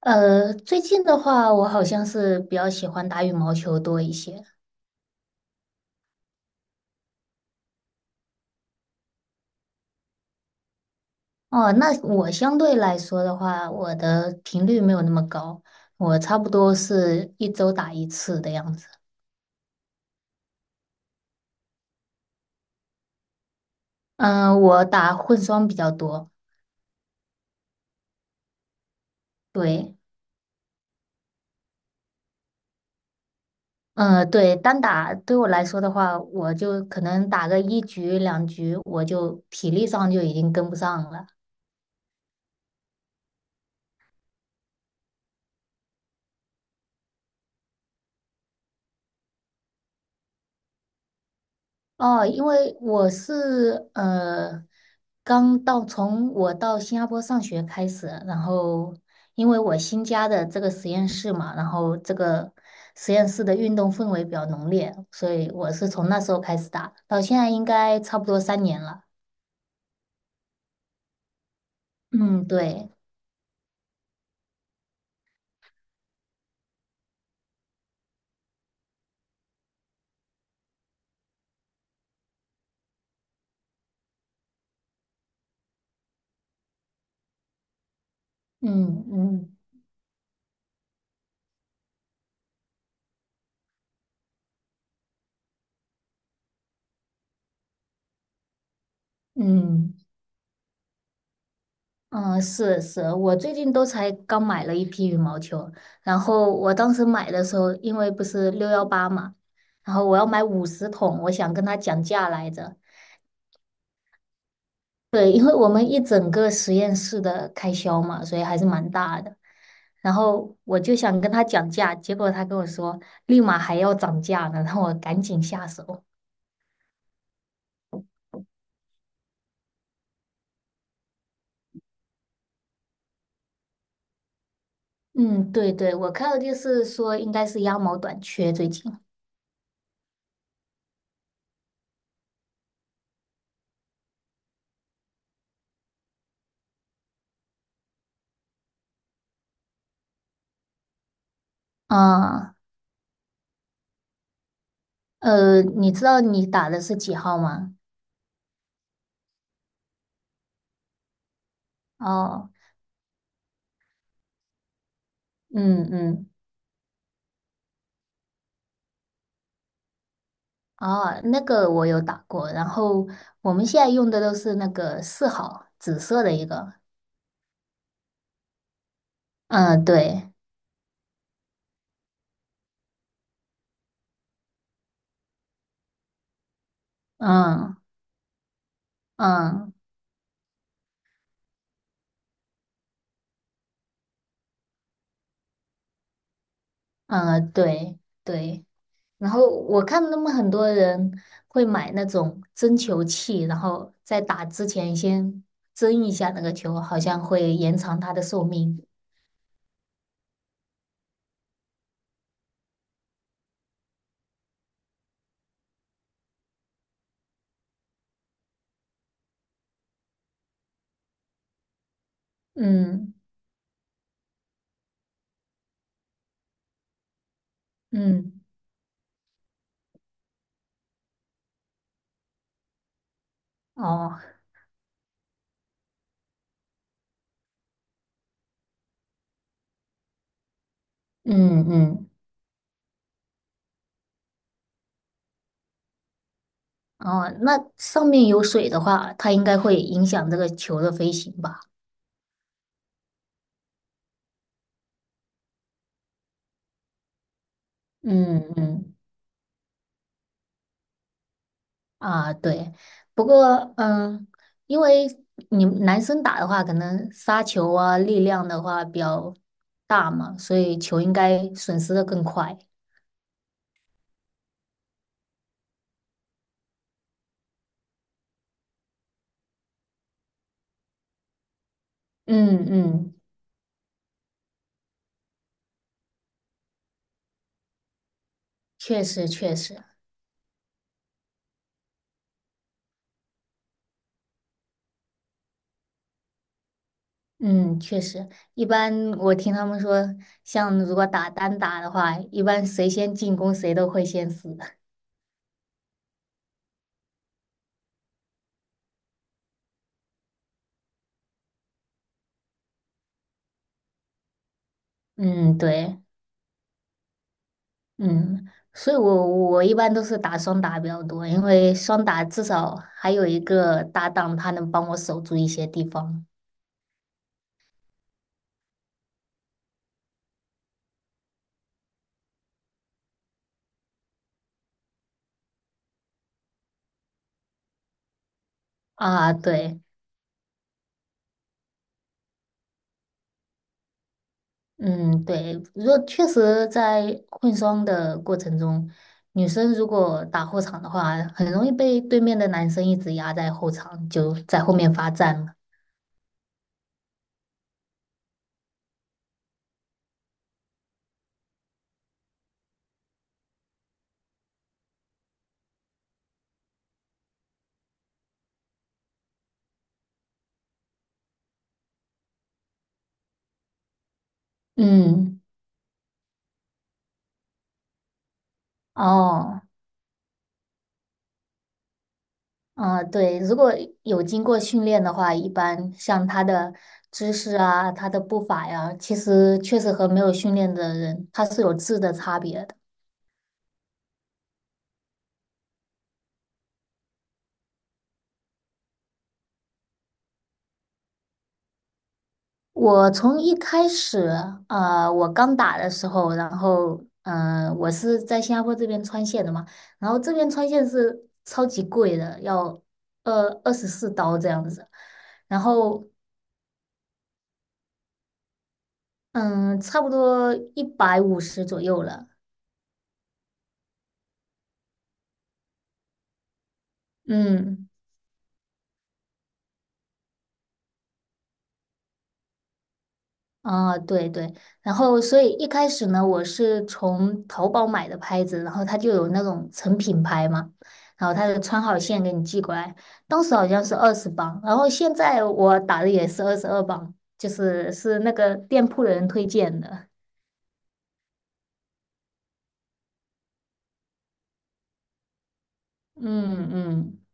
最近的话，我好像是比较喜欢打羽毛球多一些。哦，那我相对来说的话，我的频率没有那么高，我差不多是一周打一次的样子。嗯、我打混双比较多。对，嗯、对，单打对我来说的话，我就可能打个一局两局，我就体力上就已经跟不上了。哦，因为我是从我到新加坡上学开始，然后因为我新加的这个实验室嘛，然后这个实验室的运动氛围比较浓烈，所以我是从那时候开始打，到现在应该差不多3年了。嗯，对，嗯嗯嗯。嗯，是是，我最近都才刚买了一批羽毛球，然后我当时买的时候，因为不是6.18嘛，然后我要买50桶，我想跟他讲价来着。对，因为我们一整个实验室的开销嘛，所以还是蛮大的。然后我就想跟他讲价，结果他跟我说立马还要涨价呢，让我赶紧下手。嗯，对对，我看到就是说应该是鸭毛短缺最近。啊，你知道你打的是几号吗？哦，嗯嗯，哦，那个我有打过，然后我们现在用的都是那个4号，紫色的一个，嗯，对，嗯嗯嗯，对对，然后我看他们很多人会买那种针球器，然后在打之前先针一下那个球，好像会延长它的寿命。嗯嗯，哦，嗯嗯。哦，那上面有水的话，它应该会影响这个球的飞行吧？嗯嗯，啊，对，不过因为你们男生打的话，可能杀球啊，力量的话比较大嘛，所以球应该损失的更快。嗯嗯确实，确实，嗯，确实，一般我听他们说，像如果打单打的话，一般谁先进攻谁都会先死。嗯，对。嗯，所以我一般都是打双打比较多，因为双打至少还有一个搭档，他能帮我守住一些地方啊。对，嗯，对，如果确实在混双的过程中，女生如果打后场的话，很容易被对面的男生一直压在后场，就在后面罚站了。嗯，哦。啊，对，如果有经过训练的话，一般像他的姿势啊、他的步伐呀，其实确实和没有训练的人，他是有质的差别的。我从一开始，啊，我刚打的时候，然后，我是在新加坡这边穿线的嘛，然后这边穿线是超级贵的，要二十四刀这样子，然后，嗯，差不多150左右了，嗯。啊，对对，然后所以一开始呢，我是从淘宝买的拍子，然后它就有那种成品拍嘛，然后它就穿好线给你寄过来，当时好像是20磅，然后现在我打的也是22磅，就是那个店铺的人推荐的，嗯嗯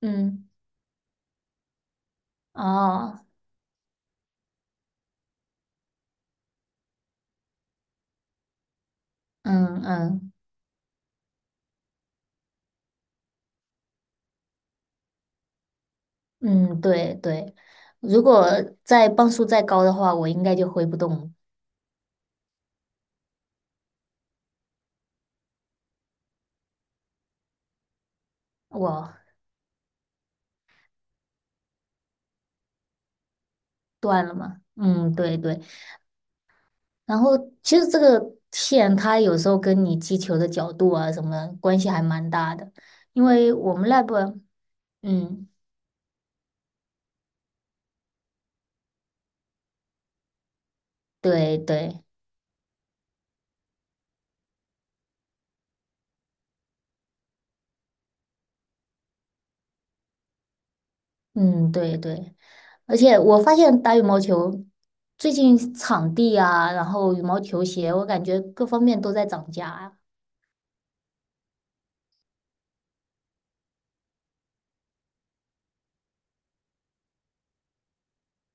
嗯，哦，嗯嗯嗯，对对，如果磅数再高的话，我应该就挥不动，我断了嘛，嗯，对对。然后其实这个线它有时候跟你击球的角度啊什么关系还蛮大的，因为我们 lab，嗯，对对，嗯对对，而且我发现打羽毛球最近场地啊，然后羽毛球鞋，我感觉各方面都在涨价啊。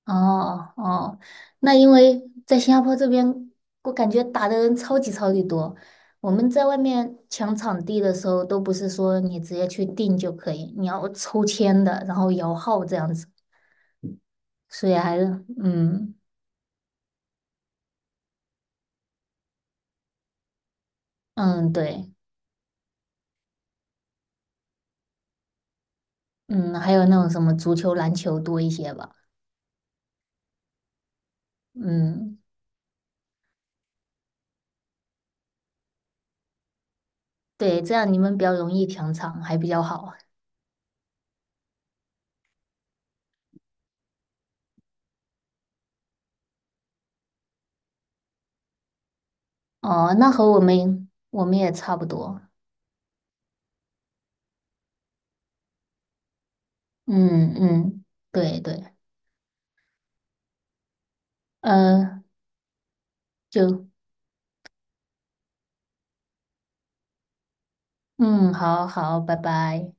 哦哦，那因为在新加坡这边，我感觉打的人超级超级多。我们在外面抢场地的时候，都不是说你直接去订就可以，你要抽签的，然后摇号这样子。所以还是，嗯嗯，对，嗯，还有那种什么足球、篮球多一些吧。嗯，对，这样你们比较容易抢场，还比较好。哦，那和我们也差不多。嗯嗯，对对，呃，就。嗯，好好，拜拜。